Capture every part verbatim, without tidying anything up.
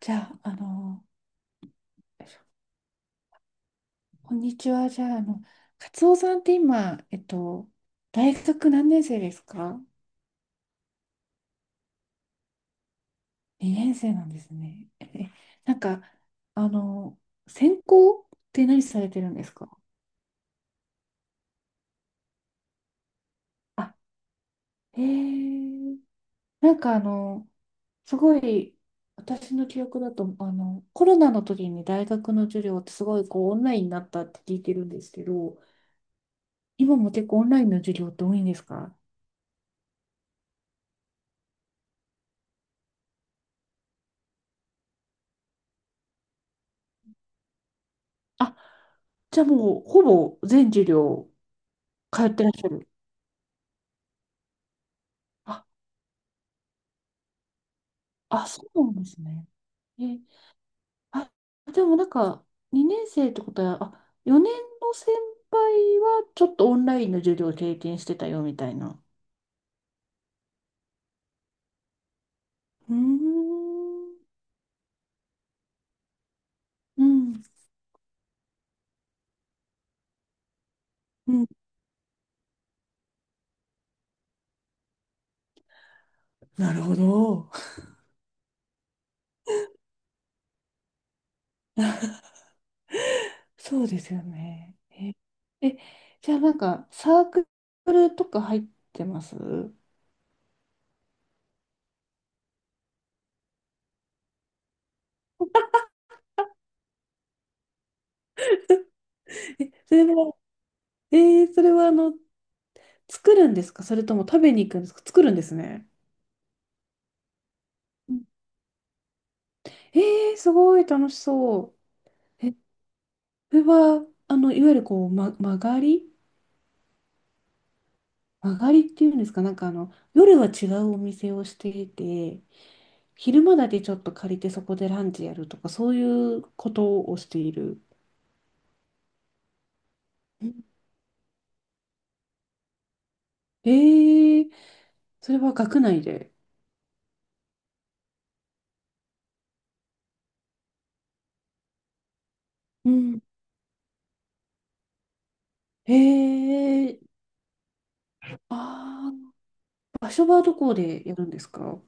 じゃあ、あの、こんにちは。じゃあ、あの、カツオさんって今、えっと、大学何年生ですか？ に 年生なんですね。え、なんか、あの、専攻って何されてるんですか？あ、へえ、なんかあの、すごい、私の記憶だと、あの、コロナの時に大学の授業ってすごいこうオンラインになったって聞いてるんですけど、今も結構オンラインの授業って多いんですか？あ、じゃあもうほぼ全授業通ってらっしゃる。あ、あ、そうなんですね。えー、あ、でもなんか、にねん生ってことは、あ、よねんの先輩はちょっとオンラインの授業を経験してたよみたいな。うーん、うん、うん。なるほど。そうですよね。え、え、じゃあなんか、サークルとか入ってます？え、それは、えーそれはあの、作るんですか、それとも食べに行くんですか？作るんですね。うん、えー、すごい楽しそう。これは、あの、いわゆるこう、ま、曲がり曲がりっていうんですか、なんかあの、夜は違うお店をしていて、昼間だけちょっと借りてそこでランチやるとか、そういうことをしている。うん、えー、それは学内で。うん。えー、あー、場所はどこでやるんですか？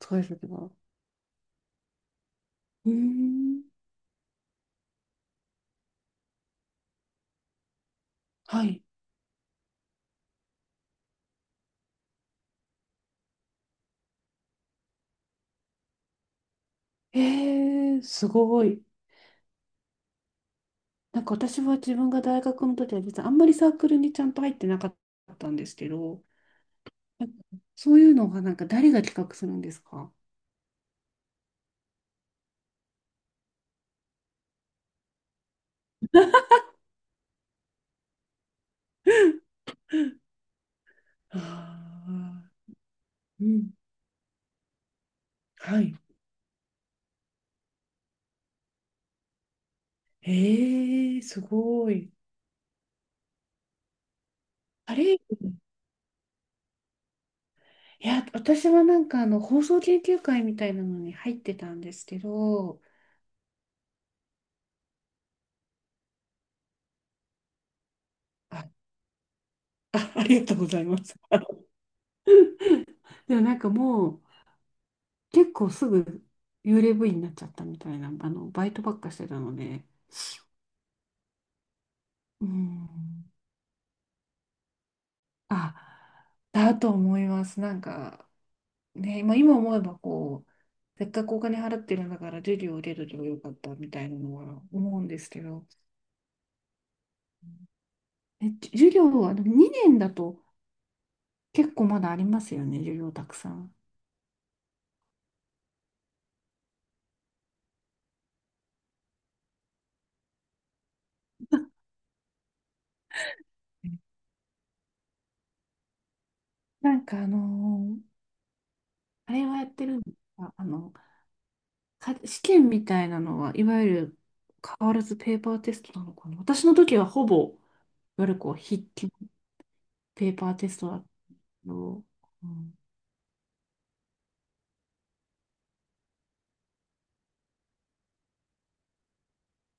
使い先は。うーん。はい。えー、すごい。なんか私は自分が大学の時は実はあんまりサークルにちゃんと入ってなかったんですけど、なんかそういうのはなんか誰が企画するんですか？ああ、うん。はい。ええ、すごい。あれ、いや、私はなんかあの放送研究会みたいなのに入ってたんですけど、あ、あ、ありがとうございます。でもなんかもう結構すぐ幽霊部員になっちゃったみたいな、あのバイトばっかしてたので、うん。あ、だと思います。なんか、ね、まあ、今思えばこう、せっかくお金払ってるんだから授業を受けとけばよかったみたいなのは思うんですけど、え、じ授業はにねんだと結構まだありますよね、授業たくさん。なんかあのーあれはやってるんですか、あの、か試験みたいなのは、いわゆる変わらずペーパーテストなのかな。私の時はほぼ、いわゆるこう筆記のペーパーテストだったけど、うん、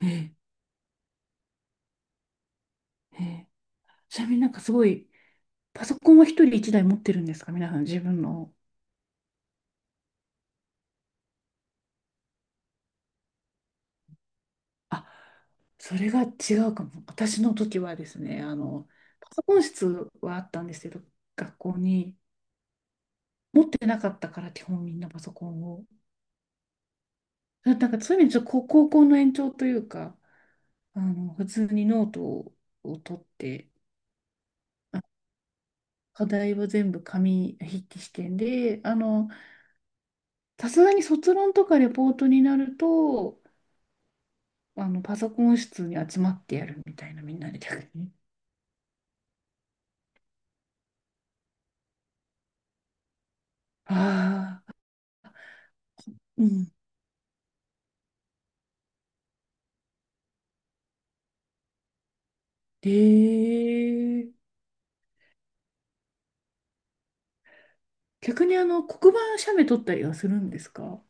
ええ、ええ、ちなみになんかすごい、パソコンは一人一台持ってるんですか、皆さん自分の。あ、それが違うかも。私の時はですね、あの、パソコン室はあったんですけど、学校に持ってなかったから基本みんなパソコンを。だなんかそういう意味でちょっと高高校の延長というか、あの、普通にノートをを取って、あ、課題は全部紙筆記試験で、あの、さすがに卒論とかレポートになると、あの、パソコン室に集まってやるみたいな、みんなで逆に。ああ、うん。ええ、逆にあの黒板写メ撮ったりはするんですか？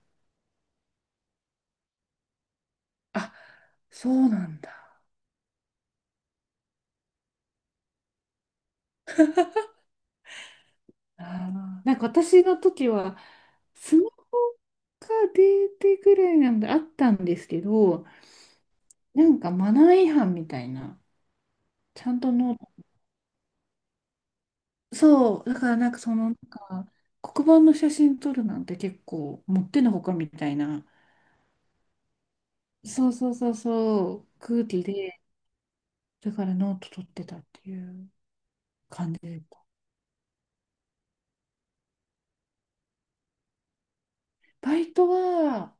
あ、そうなんだ。あー、なんか私の時はスマホが出てくらいなんであったんですけど、なんかマナー違反みたいな、ちゃんとノート、そう、だからなんかその、なんか、黒板の写真撮るなんて結構もってのほかみたいな、そうそうそうそう、空気で、だからノート取ってたっていう感じでした。バイトは、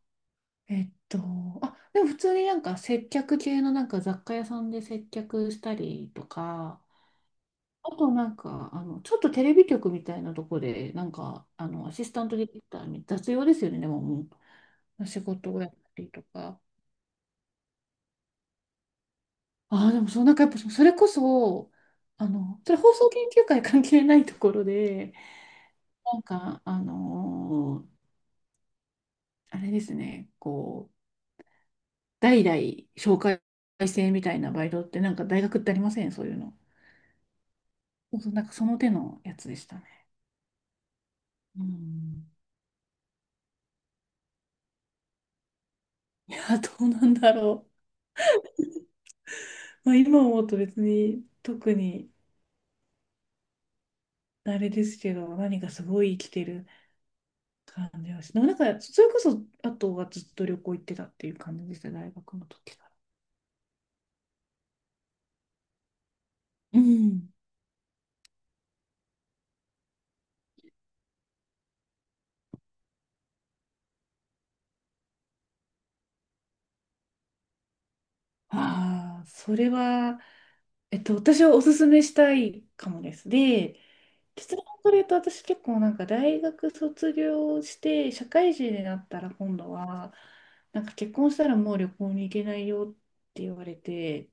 えっと、あ、でも普通になんか接客系のなんか雑貨屋さんで接客したりとか、あとなんか、あの、ちょっとテレビ局みたいなとこで、なんか、あの、アシスタントディレクターに雑用ですよね、でももう、仕事をやったりとか。ああ、でもそう、なんかやっぱそれこそ、あの、それ放送研究会関係ないところで、なんか、あのーあれですね、こう、代々紹介制みたいなバイトってなんか大学ってありません、そういうの。そうそう、なんかその手のやつでしたね。うん。いや、どうなんだろう。まあ今思うと別に特にあれですけど、何かすごい生きてる感じはして、なんかそれこそあとはずっと旅行行ってたっていう感じでした、大学の時から。うん。ああ、それはえっと、私はおすすめしたいかもです。で、結論から言うと、私結構なんか大学卒業して社会人になったら今度は、なんか結婚したらもう旅行に行けないよって言われて、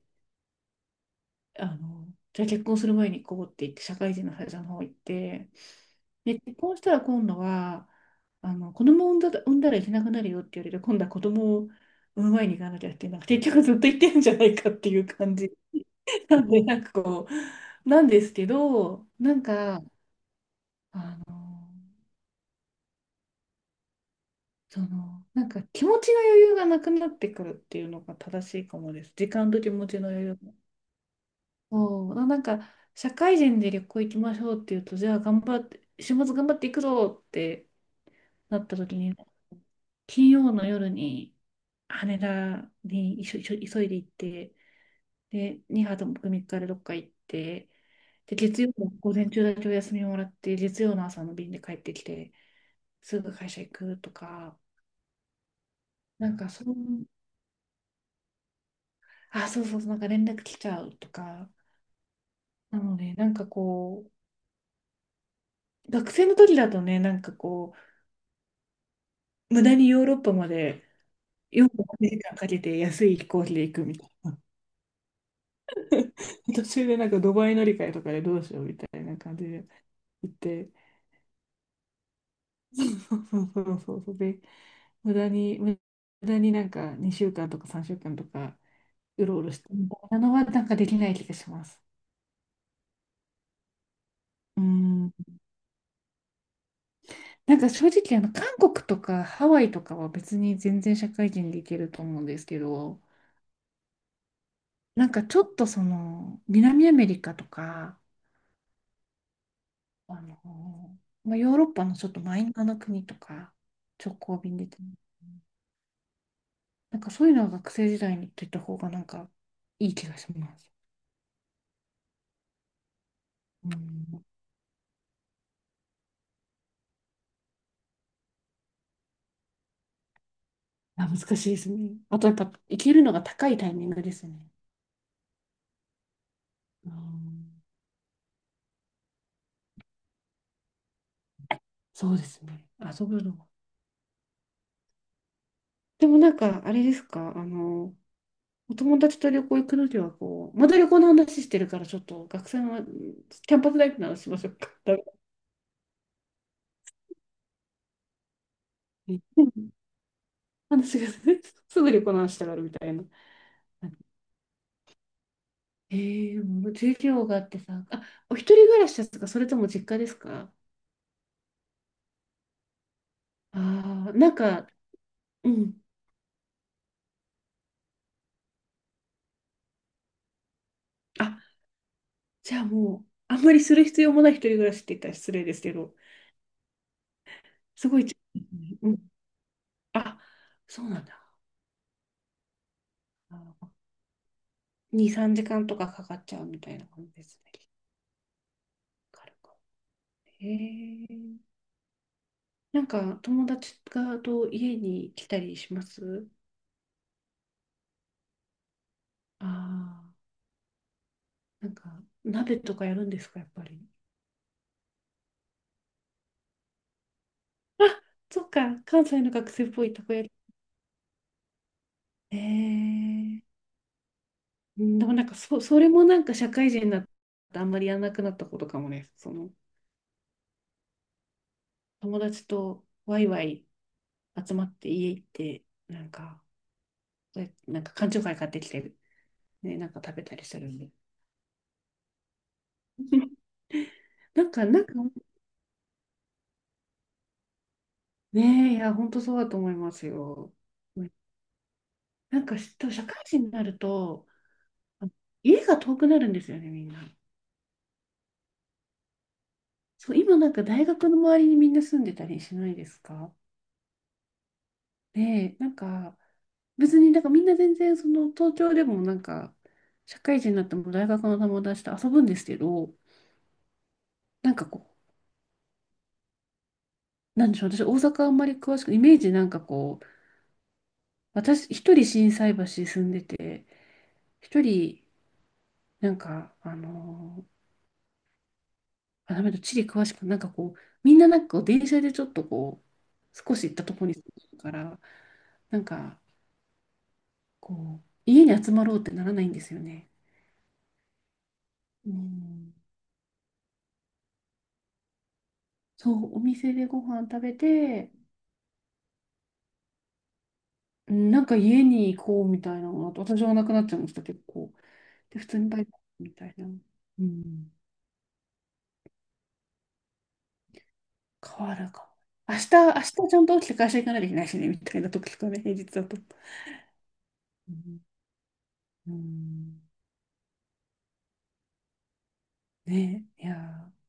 あの、じゃあ結婚する前に行こうって言って社会人の会社の方行って、で、結婚したら今度は、あの、子供を産んだ、産んだら行けなくなるよって言われて、今度は子供を産む前に行かなきゃっていう、なんか結局ずっと行ってるんじゃないかっていう感じ。なんで、なんかこう、なんですけど、なんか、あの、その、なんか気持ちの余裕がなくなってくるっていうのが正しいかもです。時間と気持ちの余裕が。そう、ななんか、社会人で旅行行きましょうっていうと、じゃあ頑張って、週末頑張っていくぞってなった時に、金曜の夜に羽田に急い急いで行って、で、にはくみっかでどっか行って、で、月曜の午前中だけお休みをもらって、月曜の朝の便で帰ってきて、すぐ会社行くとか、なんかそう、あ、そうそうそう、なんか連絡来ちゃうとか、なので、なんかこう、学生の時だとね、なんかこう、無駄にヨーロッパまでよんじゅうはちじかんかんかけて安い飛行機で行くみたいな。途中でなんかドバイ乗り換えとかでどうしようみたいな感じで行って、そうそうそうそうそうで、無駄に無駄になんかにしゅうかんとかさんしゅうかんとかうろうろしてみたいなのはなんかできない気がします。うん、なんか正直あの韓国とかハワイとかは別に全然社会人でいけると思うんですけど、なんかちょっとその南アメリカとか、あの、まあ、ヨーロッパのちょっとマイナーな国とか直行便でなんかそういうのは学生時代に行ってた方がなんかいい気がします。うん、あ、難しいですね。あとやっぱ行けるのが高いタイミングですね。うん、そうですね。遊ぶのが。でもなんか、あれですか、あの、お友達と旅行行くのには、こう、まだ旅行の話してるから、ちょっと学生のキャンパスライフの話しましょうか。ダメだね、うん、話が すぐ旅行の話したがるみたいな。えー、もう授業があってさ、あ、お一人暮らしですか、それとも実家ですか？ああー、なんか、うん。あ、じゃあもう、あんまりする必要もない一人暮らしって言ったら失礼ですけど、すごい近いですね、うん。あ、そうなんだ。あ、に、さんじかんとかかかっちゃうみたいな感じですね。軽く、へえ。なんか友達がと家に来たりします？ああー、なんか鍋とかやるんですか、やっぱり。あ、そっか、関西の学生っぽいとこや。えー、うん、でもなんかそ、それもなんか社会人になってあんまりやらなくなったことかもね。その友達とワイワイ集まって家行って、なんか、え、なんか缶チョーハイ買ってきて、ね、なんか食べたりするんで。なんか、なんか、ねえ、いや、本当そうだと思いますよ。なんか、し多分社会人になると、あの家が遠くなるんですよね、みんな。そう、今なんか大学の周りにみんな住んでたりしないですか？ねえ、なんか、別になんかみんな全然、その、東京でもなんか、社会人になっても大学の友達と遊ぶんですけど、なんかこう、なんでしょう、私大阪あんまり詳しく、イメージなんかこう、私一人心斎橋住んでて、一人なんか、あのーあ、ダメだ、地理詳しく、なんかこう、みんななんかこう電車でちょっとこう、少し行ったところに住んでるから、なんかこう、家に集まろうってならないんですよね。うん、そう、お店でご飯食べて、うん、なんか家に行こうみたいなのが、私はなくなっちゃいました、結構。で、普通にバイトみたいな。うん、変わるかも。明日、明日ちゃんと起きて会社行かなきゃいけないしね、みたいな時とかね、平日だと。うん、うん、ね、いやー。